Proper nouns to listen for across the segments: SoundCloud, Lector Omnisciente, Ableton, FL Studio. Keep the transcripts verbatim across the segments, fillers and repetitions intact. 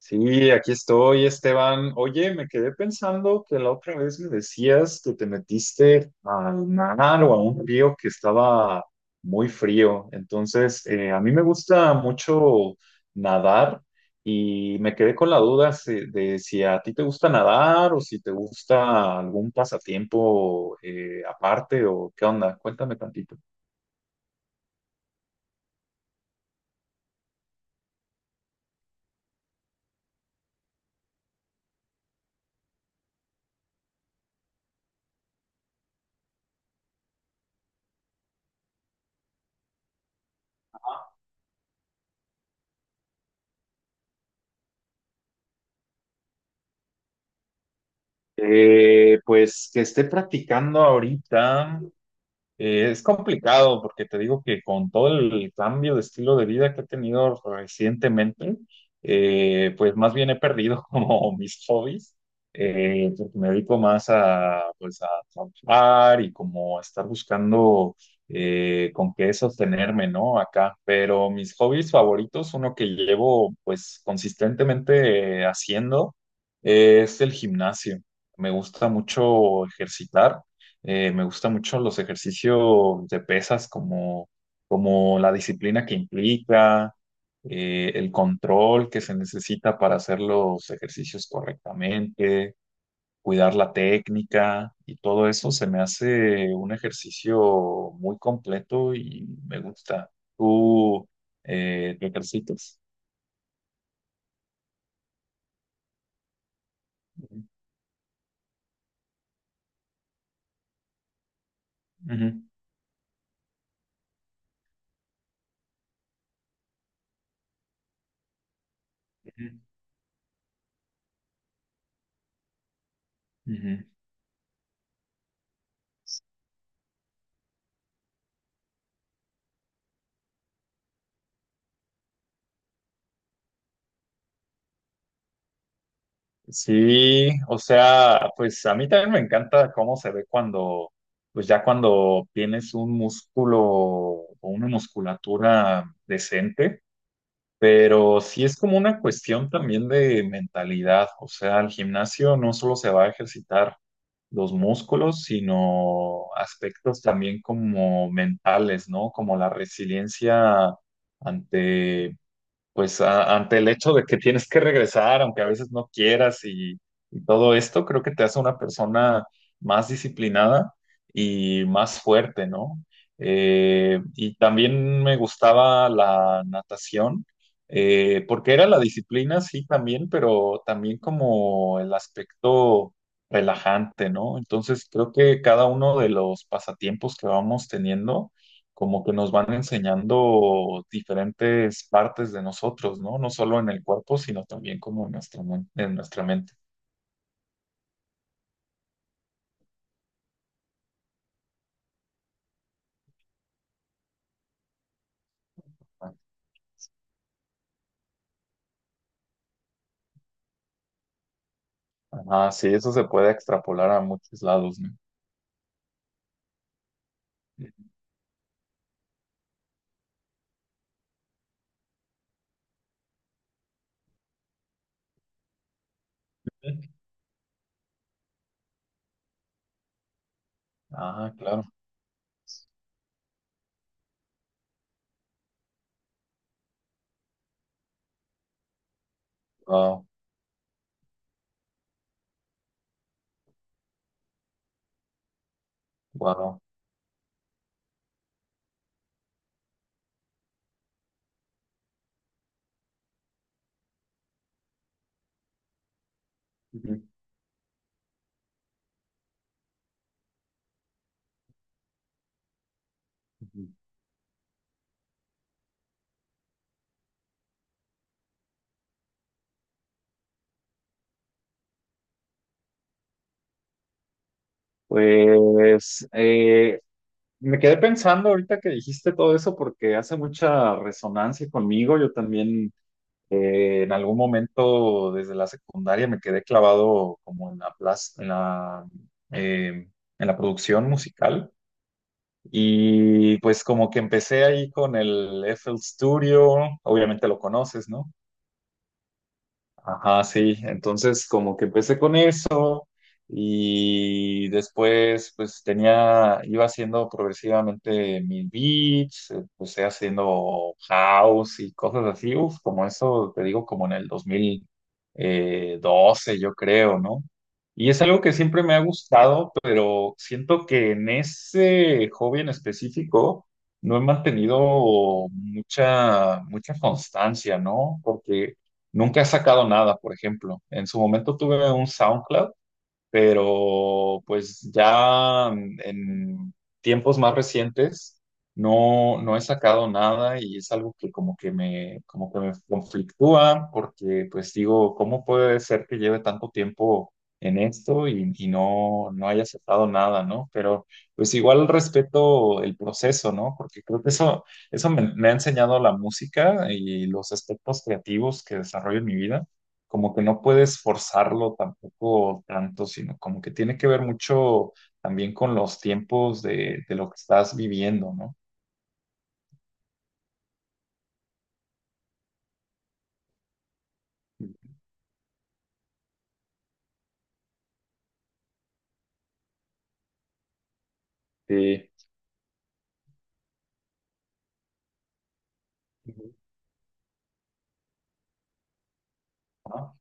Sí, aquí estoy, Esteban. Oye, me quedé pensando que la otra vez me decías que te metiste al mar o a un río que estaba muy frío. Entonces, eh, a mí me gusta mucho nadar y me quedé con la duda si- de si a ti te gusta nadar o si te gusta algún pasatiempo eh, aparte o qué onda. Cuéntame tantito. Eh, pues que esté practicando ahorita. Eh, es complicado porque te digo que con todo el cambio de estilo de vida que he tenido recientemente, eh, pues más bien he perdido como mis hobbies, eh, porque me dedico más a, pues a trabajar y como a estar buscando eh, con qué sostenerme, ¿no? Acá, pero mis hobbies favoritos, uno que llevo pues consistentemente eh, haciendo, eh, es el gimnasio. Me gusta mucho ejercitar. Eh, me gusta mucho los ejercicios de pesas como, como la disciplina que implica, eh, el control que se necesita para hacer los ejercicios correctamente, cuidar la técnica y todo eso se me hace un ejercicio muy completo y me gusta. ¿Tú eh, te ejercitas? Ujú, ujú, ujú, ujú. Sí, o sea, pues a mí también me encanta cómo se ve cuando, pues ya cuando tienes un músculo o una musculatura decente, pero sí es como una cuestión también de mentalidad, o sea, al gimnasio no solo se va a ejercitar los músculos, sino aspectos también como mentales, ¿no? Como la resiliencia ante pues a- ante el hecho de que tienes que regresar, aunque a veces no quieras y, y todo esto, creo que te hace una persona más disciplinada y más fuerte, ¿no? Eh, y también me gustaba la natación, eh, porque era la disciplina, sí, también, pero también como el aspecto relajante, ¿no? Entonces creo que cada uno de los pasatiempos que vamos teniendo como que nos van enseñando diferentes partes de nosotros, ¿no? No solo en el cuerpo, sino también como en nuestra, men- en nuestra mente. Ah, sí, eso se puede extrapolar a muchos lados, ¿no? Ah, claro. Wow, wow. Ujú, ujú. Pues eh, me quedé pensando ahorita que dijiste todo eso porque hace mucha resonancia conmigo. Yo también. Eh, en algún momento desde la secundaria me quedé clavado como en la plaza, en la, eh, en la producción musical y pues como que empecé ahí con el F L Studio, obviamente lo conoces, ¿no? Ajá, sí. Entonces, como que empecé con eso y después, pues tenía, iba haciendo progresivamente mis beats, empecé haciendo house y cosas así, uf, como eso, te digo, como en el dos mil eh, doce yo creo, ¿no? Y es algo que siempre me ha gustado, pero siento que en ese hobby en específico no he mantenido mucha, mucha constancia, ¿no? Porque nunca he sacado nada, por ejemplo. En su momento tuve un SoundCloud, pero pues ya mm, en tiempos más recientes no, no he sacado nada y es algo que como que me, como que me conflictúa porque pues digo, ¿cómo puede ser que lleve tanto tiempo en esto y, y no, no haya sacado nada, ¿no? Pero pues igual respeto el proceso, ¿no? Porque creo que eso, eso me, me ha enseñado la música y los aspectos creativos que desarrollo en mi vida como que no puedes forzarlo tampoco tanto, sino como que tiene que ver mucho también con los tiempos de, de lo que estás viviendo, ¿no? Sí. Ujú. Ajá.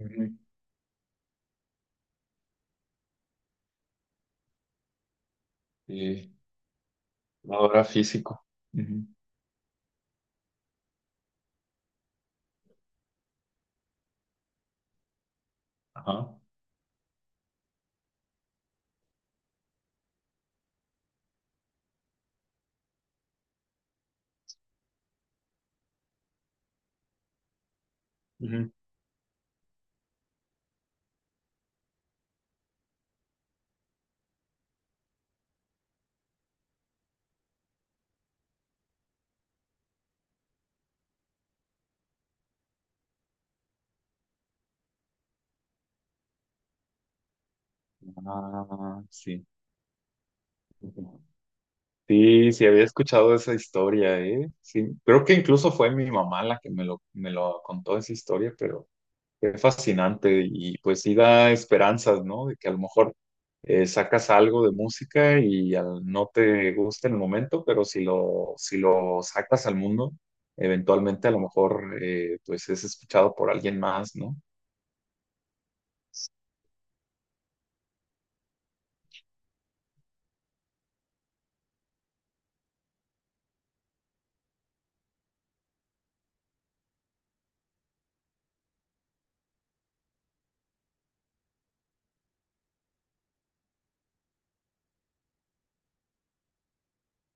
Ujú. Sí. La físico. Ujú. Ajá. Ujú. Ah, sí. Ujú. Sí, sí, había escuchado esa historia, ¿eh? Sí, creo que incluso fue mi mamá la que me lo, me lo contó esa historia, pero qué fascinante y pues sí da esperanzas, ¿no? De que a lo mejor eh, sacas algo de música y al- no te gusta en el momento, pero si lo, si lo sacas al mundo, eventualmente a lo mejor eh, pues es escuchado por alguien más, ¿no?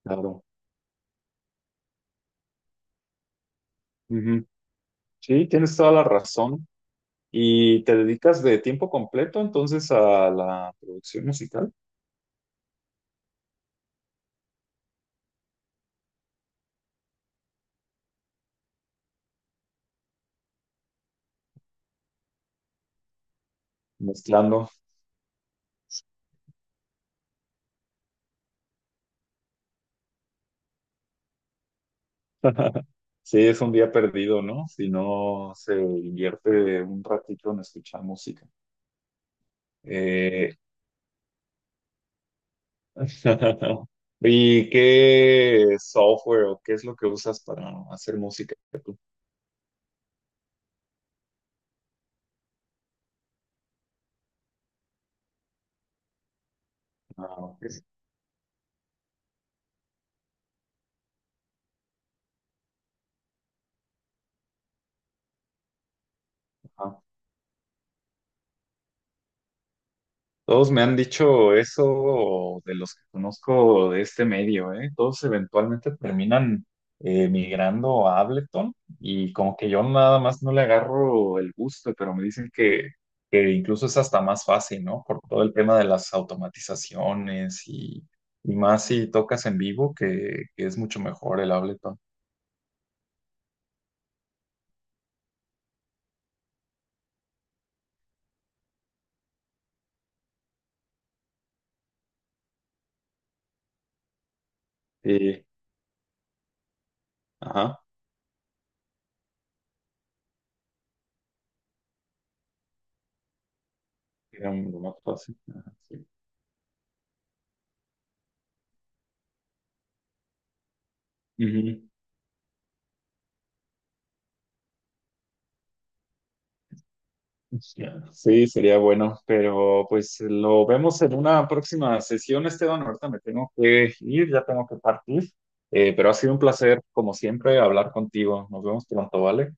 Claro. Ujú. Sí, tienes toda la razón. ¿Y te dedicas de tiempo completo entonces a la producción musical? Mezclando. Sí, es un día perdido, ¿no? Si no se invierte un ratito en escuchar música. Eh, ¿Y qué software o qué es lo que usas para hacer música tú? Ah, ok. Ajá. Todos me han dicho eso de los que conozco de este medio, ¿eh? Todos eventualmente terminan eh, migrando a Ableton y como que yo nada más no le agarro el gusto, pero me dicen que, que incluso es hasta más fácil, ¿no? Por todo el tema de las automatizaciones y, y más si tocas en vivo, que, que es mucho mejor el Ableton. Sí, ajá, era lo más fácil. Ajá, sí. Ujú. Ya, sí, sería bueno, pero pues lo vemos en una próxima sesión, Esteban. Ahorita me tengo que ir, ya tengo que partir. Eh, pero ha sido un placer, como siempre, hablar contigo. Nos vemos pronto, ¿vale?